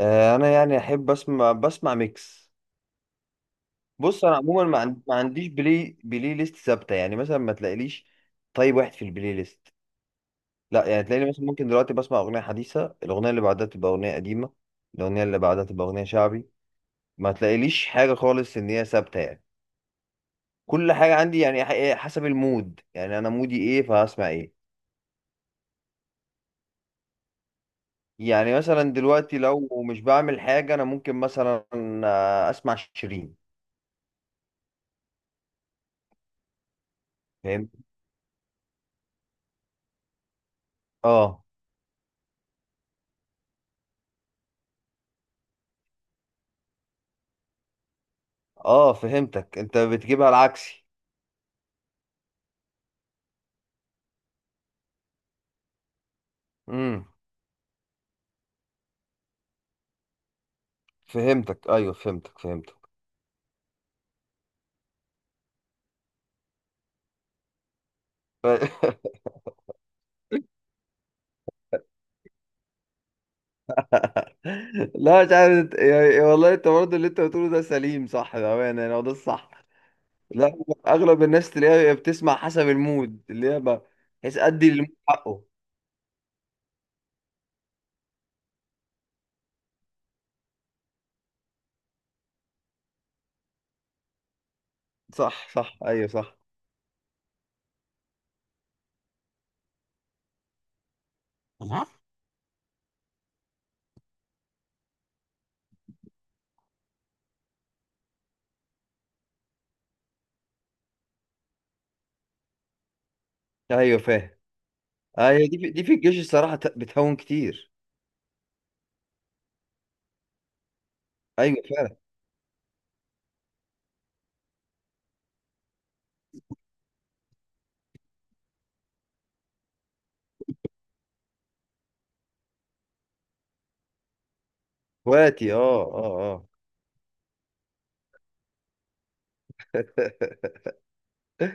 انا يعني احب بسمع ميكس. بص انا عموما ما عنديش بلاي ليست ثابته، يعني مثلا ما تلاقيليش طيب واحد في البلاي ليست. لا يعني تلاقيني مثلا ممكن دلوقتي بسمع اغنيه حديثه، الاغنيه اللي بعدها تبقى اغنيه قديمه، الاغنيه اللي بعدها تبقى اغنيه شعبي. ما تلاقيليش حاجه خالص ان هي ثابته يعني. كل حاجه عندي يعني ح- إيه، حسب المود، يعني انا مودي ايه فهسمع ايه. يعني مثلا دلوقتي لو مش بعمل حاجه انا ممكن مثلا اسمع شيرين. فاهم. اه اه، فهمتك، انت بتجيبها العكسي. امم. فهمتك، ايوه فهمتك فهمتك. ف... لا مش عارف يعني، والله انت برضه اللي انت بتقوله ده سليم صح، بامانه يعني هو ده الصح. لا. اغلب الناس تلاقيها هي بتسمع حسب المود اللي هي بحيث ادي للمود حقه. صح صح ايوه صح. تمام. ايوه فاهم. ايوه، دي في الجيش الصراحه بتهون كتير. ايوه فعلا. اخواتي اه اه. اه.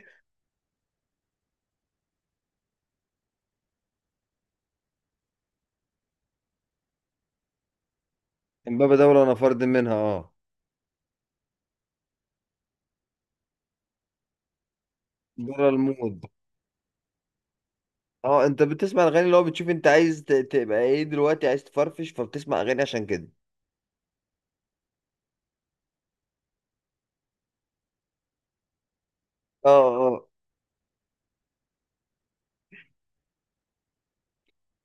امبابة دولة انا فرد منها اه. بره المود. اه انت بتسمع الاغاني اللي هو بتشوف انت عايز تبقى ايه دلوقتي، عايز تفرفش فبتسمع اغاني عشان كده. اه اه.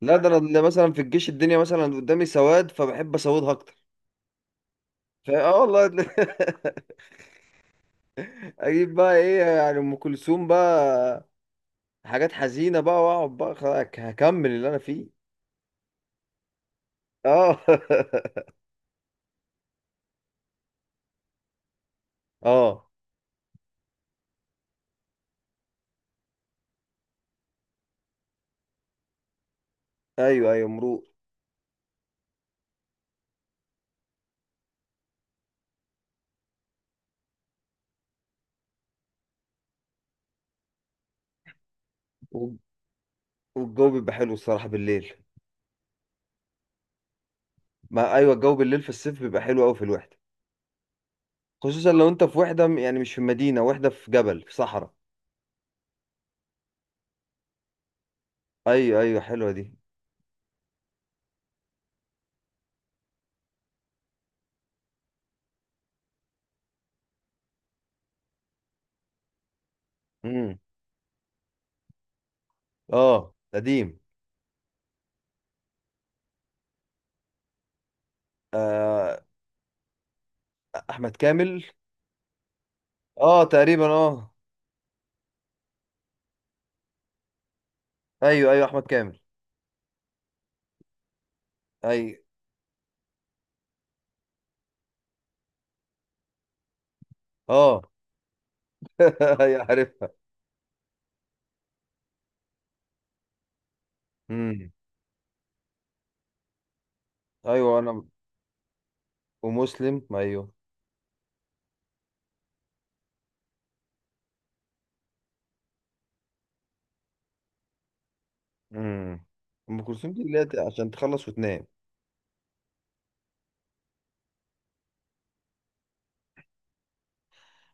لا ده انا اللي مثلا في الجيش الدنيا مثلا قدامي سواد فبحب اسودها اكتر. فا اه والله. اجيب بقى ايه، يعني ام كلثوم بقى، حاجات حزينه بقى، واقعد بقى خلاص هكمل اللي انا فيه. اه. اه ايوه ايوه مروق. وال- والجو بيبقى حلو الصراحه بالليل. ما ايوه الجو بالليل في الصيف بيبقى حلو قوي في الوحده. خصوصا لو انت في وحده يعني مش في مدينه، وحده في جبل، في صحراء. ايوه ايوه حلوه دي. امم. اه قديم. احمد كامل. اه تقريبا اه. ايوه ايوه احمد كامل. اي اه. ايوه عارفها. امم. ايوه انا. ومسلم ايوه. امم. ام كلثوم دي اللي هي عشان تخلص وتنام.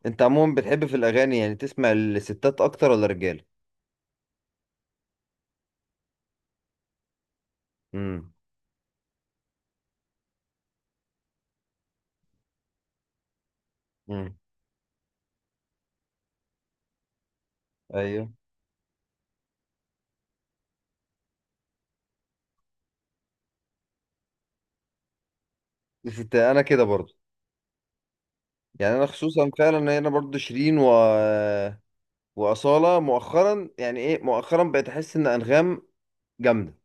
انت عموما بتحب في الاغاني يعني تسمع الستات اكتر ولا الرجاله؟ امم. امم. ايوه الستات انا كده برضو. يعني انا خصوصا فعلا إن انا برضو شيرين و... واصاله مؤخرا، يعني ايه مؤخرا بقيت احس ان انغام جامده.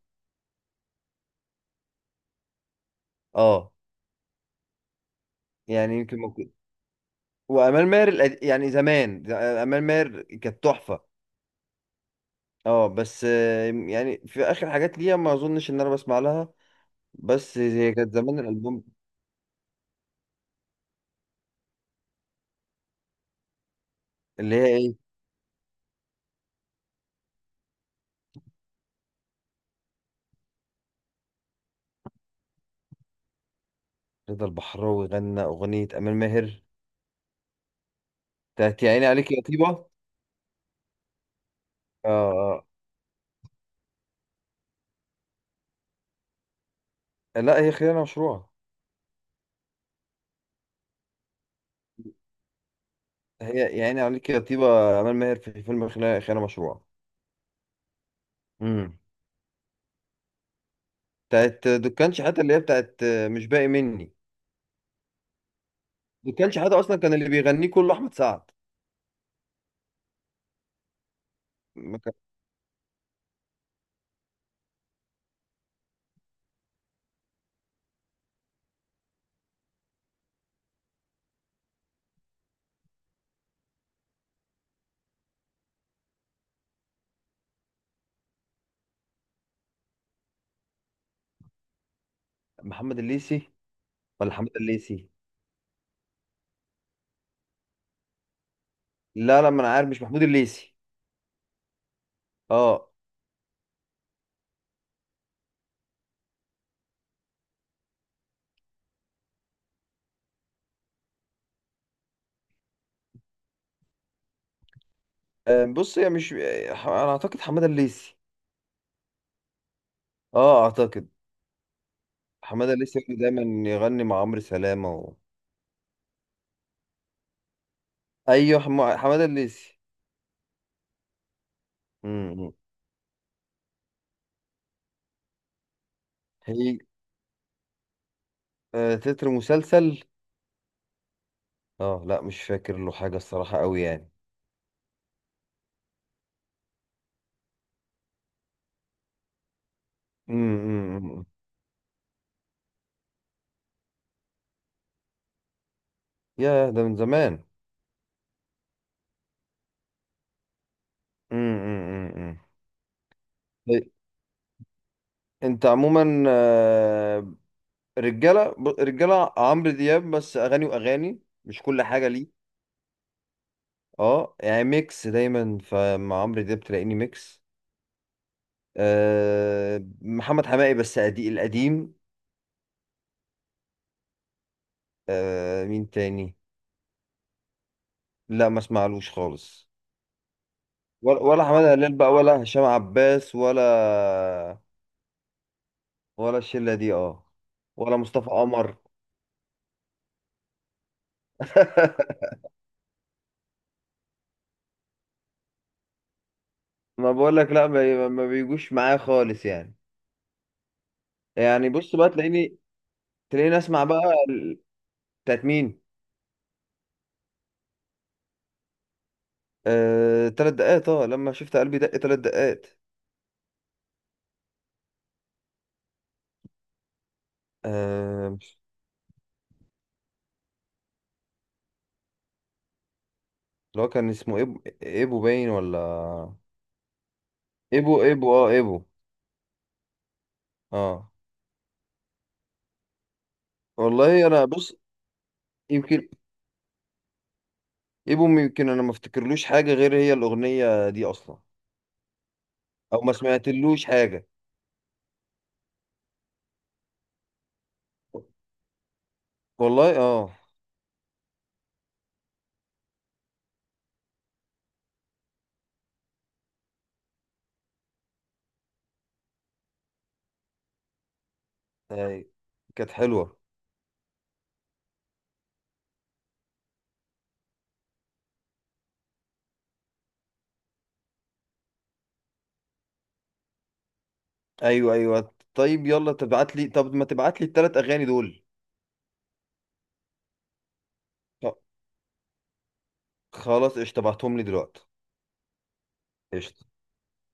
اه يعني يمكن ممكن. وامال ماهر، يعني زمان امال ماهر كانت تحفه. اه بس يعني في اخر حاجات ليها ما اظنش ان انا بسمع لها. بس هي كانت زمان الالبوم اللي هي ايه. رضا البحراوي غنى اغنيه امال ماهر بتاعت يا عيني عليك يا طيبه. اه آه. لا هي خيانه مشروعه. هي يا عيني عليك يا طيبه امال ماهر في فيلم خيانة مشروعه. امم. بتاعت دكان شحاته اللي هي بتاعت مش باقي مني. دكان شحاته اصلا كان اللي بيغنيه كله احمد سعد. محمد الليثي ولا حماد الليثي؟ لا لا ما انا عارف مش محمود الليثي. اه. بص، هي مش انا اعتقد حماد الليثي. اه اعتقد. حماد الليثي كان دايما يغني مع عمرو سلامة و... ايوه حماد الليثي. امم. هي تتر مسلسل. اه لا مش فاكر له حاجة الصراحة قوي يعني. امم. يا ده من زمان. امم. انت عموما رجاله رجاله عمرو دياب بس اغاني واغاني، مش كل حاجه ليه. اه يعني ميكس دايما، فمع عمرو دياب تلاقيني ميكس. محمد حماقي بس أدي القديم. مين تاني؟ لا ما اسمعلوش خالص. ولا حماد هلال بقى ولا هشام عباس ولا. ولا الشله دي اه. ولا مصطفى قمر. ما بقول لك لا، ما بيجوش معايا خالص يعني. يعني بص بقى تلاقيني. تلاقيني اسمع بقى ال- بتاعت مين؟ تلات دقات اه، لما شفت قلبي دق تلات دقات. آه، مش- اللي هو كان اسمه إيبو، إيبو باين ولا. إيبو إيبو اه إيبو. اه والله أنا بص. يمكن إيبو. يمكن أنا ما افتكرلوش حاجة غير هي الأغنية دي أصلا، أو ما سمعتلوش حاجة. والله اه. أي، كانت حلوة. أيوه أيوه طيب يلا تبعت لي، طب ما تبعت لي التلات أغاني دول. خ- خلاص قشطة تبعتهم لي دلوقتي. قشطة.